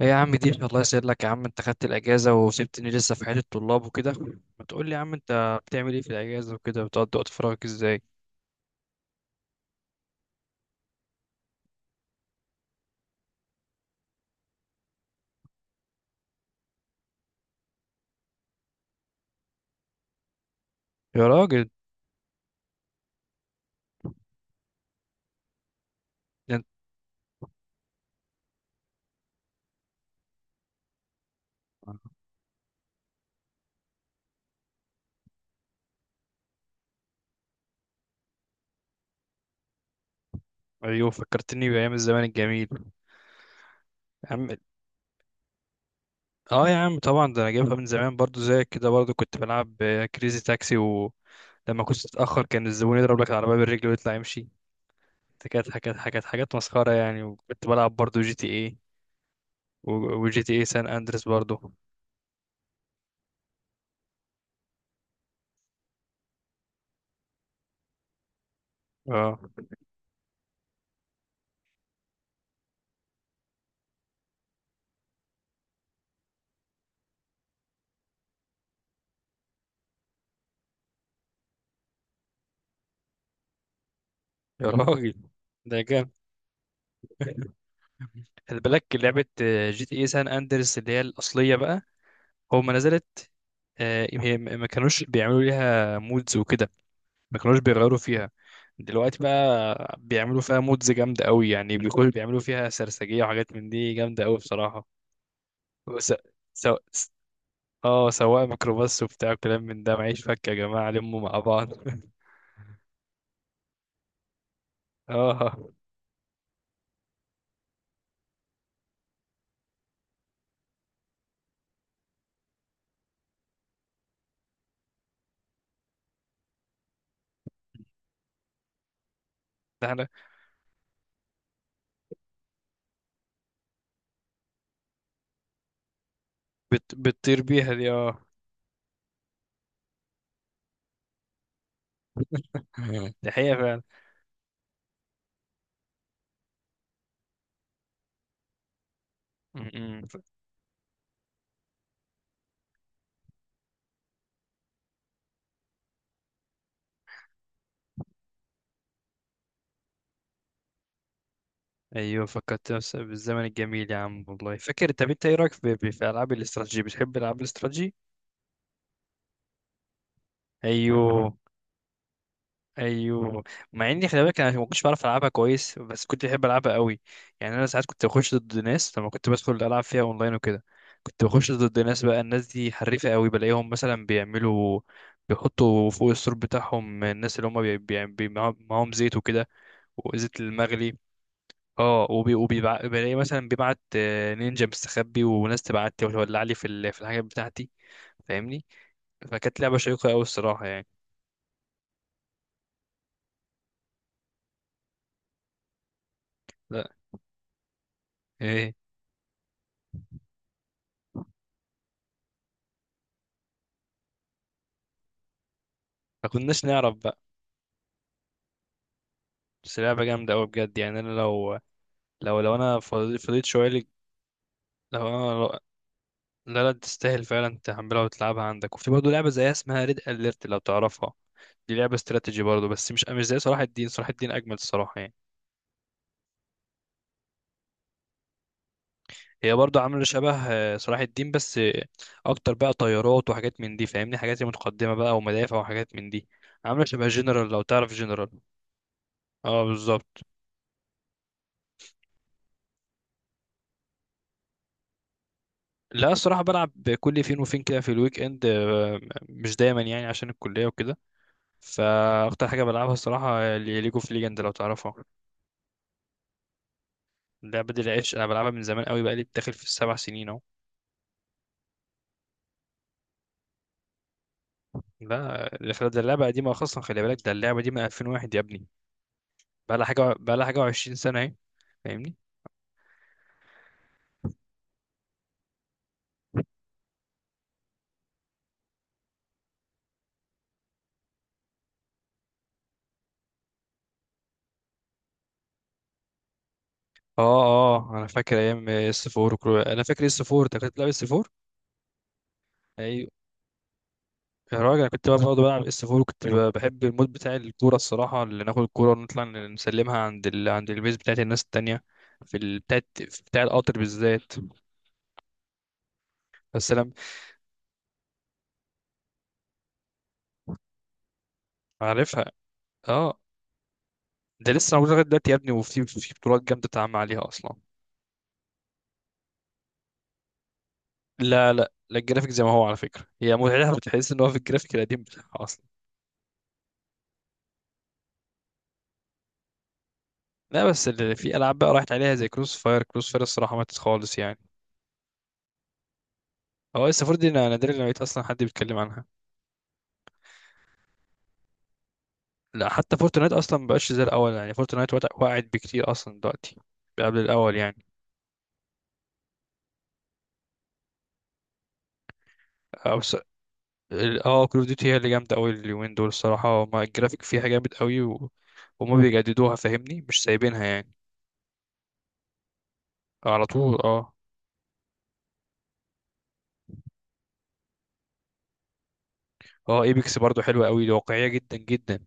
ايه يا عم دي، الله يسعدك يا عم، انت خدت الاجازه وسبتني لسه في حياه الطلاب وكده. ما تقول لي يا عم انت بتعمل ايه في الاجازه وكده، بتقضي وقت فراغك ازاي؟ يا راجل ده انت! ايوه فكرتني بايام الزمان الجميل يا عم. اه يا عم طبعا، ده انا جايبها من زمان برضو زيك كده، برضو كنت بلعب كريزي تاكسي، ولما كنت تتاخر كان الزبون يضرب لك العربيه بالرجل ويطلع يمشي. ده كانت حاجات مسخره يعني، وكنت بلعب برضو جي تي ايه، وجي تي ايه سان اندريس برضو. اه يا راجل، ده خلي بالك لعبة جي تي اي سان اندرس اللي هي الأصلية بقى، هو ما نزلت ما كانوش بيعملوا ليها مودز وكده، ما كانوش بيغيروا فيها. دلوقتي بقى بيعملوا فيها مودز جامدة قوي يعني، بيكونوا بيعملوا فيها سرسجية وحاجات من دي جامدة قوي بصراحة. وس... سو... س- اه، سواق ميكروباص وبتاع كلام من ده، معيش فك يا جماعة لموا مع بعض. اه، ده احنا. بتطير بيها دي، اه. دي حقيقة فعلا. ايوه، بالزمن الجميل يا عم والله فاكر. طب انت ايه رايك في العاب الاستراتيجي، بتحب العاب الاستراتيجي؟ ايوه، ايوه. مع اني خلي بالك انا ما كنتش بعرف العبها كويس، بس كنت بحب العبها قوي يعني. انا ساعات كنت بخش ضد ناس، لما كنت بدخل العب فيها اونلاين وكده كنت بخش ضد ناس، بقى الناس دي حريفه قوي، بلاقيهم مثلا بيعملوا، بيحطوا فوق السور بتاعهم، الناس اللي هم بي... بي... بي... معاهم معاهم زيت وكده، وزيت المغلي. اه، بلاقي مثلا بيبعت نينجا مستخبي، وناس تبعت لي وتولع لي في الحاجات بتاعتي، فاهمني؟ فكانت لعبه شيقه قوي الصراحه يعني. لا ايه، ما كناش نعرف بقى. بس لعبه جامده قوي بجد يعني. انا لو، انا فضيت شويه لك، لو انا لو... لا لا، تستاهل فعلا تحملها وتلعبها عندك. وفي برضه لعبه زيها اسمها ريد اليرت لو تعرفها، دي لعبه استراتيجي برضه، بس مش زي صلاح الدين، صلاح الدين اجمل الصراحه يعني. هي برضه عامله شبه صلاح الدين، بس اكتر بقى، طيارات وحاجات من دي فاهمني، حاجات متقدمه بقى، ومدافع وحاجات من دي، عامله شبه جنرال لو تعرف جنرال. اه بالظبط. لا الصراحه بلعب، كل فين وفين كده في الويك اند، مش دايما يعني عشان الكليه وكده. فاكتر حاجه بلعبها الصراحه ليج اوف ليجند لو تعرفها، اللعبه دي العيش، انا بلعبها من زمان قوي، بقى لي داخل في ال7 سنين اهو. لا الف- ده اللعبه قديمه اصلا، خلي بالك ده اللعبه دي من 2001 يا ابني، بقى لها حاجه، بقى لها حاجه و20 سنه اهي، فاهمني؟ اه اه، انا فاكر ايام اس 4 انا فاكر اس 4، انت كنت بتلعب اس 4؟ ايوه. يا راجل انا كنت بقى بقعد بلعب اس 4، وكنت بحب المود بتاع الكوره الصراحه، اللي ناخد الكوره ونطلع نسلمها عند البيز بتاعت الناس التانية، في ال... بتاعت في بتاع القطر بالذات. بس انا عارفها. اه، ده لسه موجود لغايه دلوقتي يا ابني، وفي في بطولات جامده اتعمل عليها اصلا. لا لا لا، الجرافيك زي ما هو على فكره، هي متعتها بتحس ان هو في الجرافيك القديم بتاعها اصلا. لا بس اللي في العاب بقى راحت عليها زي كروس فاير، كروس فاير الصراحه ماتت خالص يعني. هو لسه فور، دي انا نادرا لما لقيت اصلا حد بيتكلم عنها. لا حتى فورتنايت اصلا مبقاش زي الاول يعني، فورتنايت وقعت بكتير اصلا دلوقتي، قبل الاول يعني. او س... اه، كول اوف ديوتي هي اللي جامده قوي اليومين دول الصراحه، هما الجرافيك فيها جامد قوي و... وما بيجددوها فاهمني، مش سايبينها يعني. على طول اه. اه، ايبكس برضو حلوه قوي، واقعيه جدا جدا.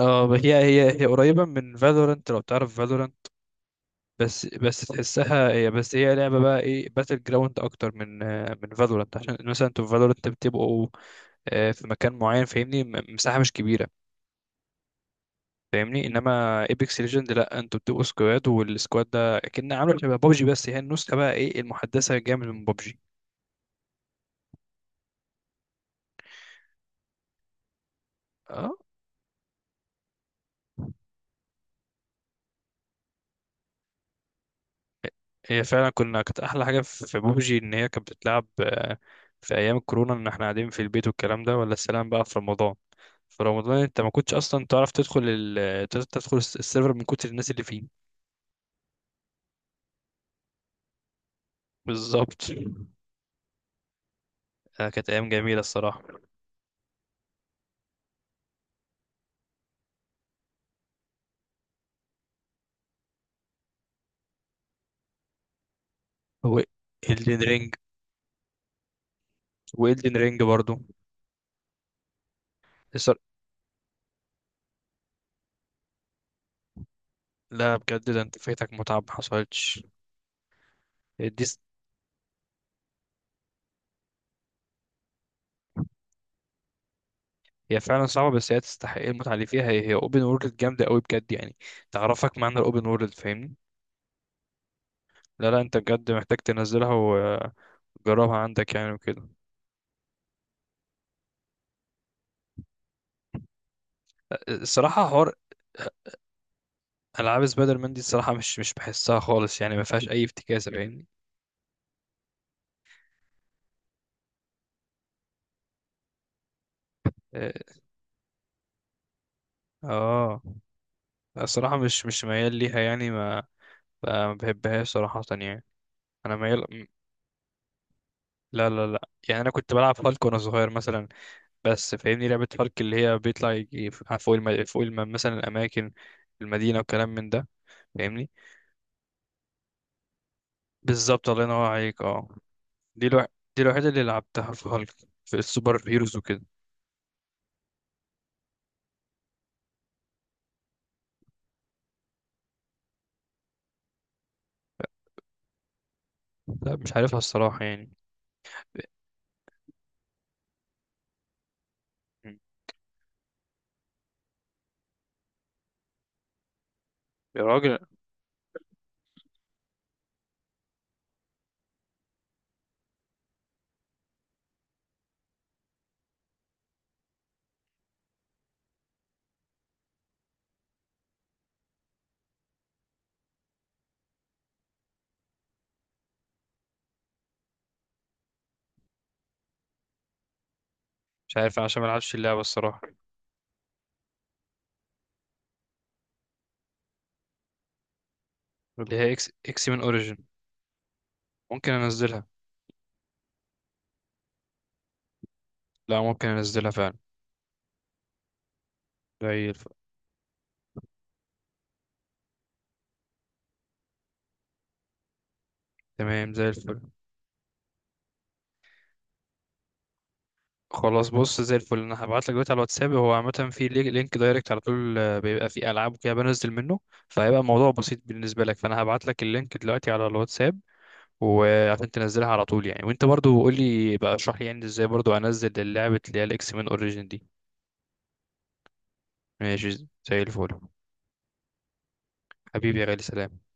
اه، هي قريبه من فالورانت لو تعرف فالورانت، بس بس تحسها هي، بس هي لعبه بقى ايه، باتل جراوند اكتر من من فالورانت، عشان مثلا انتوا في فالورانت بتبقوا في مكان معين فاهمني، مساحه مش كبيره فاهمني. انما ايبكس ليجند لا، انتوا بتبقوا سكواد، والسكواد ده اكن عامله شبه بابجي، بس هي النسخه بقى ايه، المحدثه جامد من بابجي. اه، هي فعلا كنا، كانت احلى حاجه في في بابجي ان هي كانت بتتلعب في ايام الكورونا، ان احنا قاعدين في البيت والكلام ده، ولا السلام بقى في رمضان. في رمضان انت ما كنتش اصلا تعرف تدخل السيرفر من كتر الناس اللي فيه. بالظبط، كانت ايام جميله الصراحه. هو إلدن رينج، وإلدن رينج برضو. لا بجد، ده انت فايتك متعة ما حصلتش. دي س- هي فعلا صعبة، بس هي تستحق المتعة اللي فيها، هي هي اوبن وورلد جامدة قوي بجد يعني، تعرفك معنى الاوبن وورلد فاهمني. لا لا، انت بجد محتاج تنزلها وجربها عندك يعني وكده. الصراحة حوار. العاب سبايدر مان دي الصراحة مش بحسها خالص يعني، ما فيهاش اي افتكاسة فاهمني. اه، آه. الصراحة مش ميال ليها يعني، ما بحبهاش صراحة يعني. انا ميال. لا يعني، انا كنت بلعب هالك وانا صغير مثلا، بس فاهمني لعبة هارك اللي هي بيطلع يجي مثلا الأماكن، المدينة وكلام من ده، فاهمني. بالظبط، الله ينور عليك اه. دي الوح... دي الوحيدة اللي لعبتها في هالك، في السوبر هيروز وكده. لا مش عارفها الصراحة يعني. م. يا راجل مش عارف أنا عشان ما العبش اللعبة الصراحة. اللي هي اكس من اوريجين. ممكن انزلها، لا ممكن انزلها فعلا. زي الفل. تمام زي الفل. خلاص بص، زي الفل، انا هبعت لك دلوقتي على الواتساب، هو عامه في لينك دايركت على طول بيبقى فيه العاب وكده بنزل منه، فهيبقى الموضوع بسيط بالنسبه لك، فانا هبعت لك اللينك دلوقتي على الواتساب وعشان تنزلها على طول يعني. وانت برضو قول لي بقى، اشرح لي يعني ازاي برضو انزل اللعبه اللي هي الاكس مان اوريجين دي. ماشي زي الفل. حبيبي يا غالي سلام.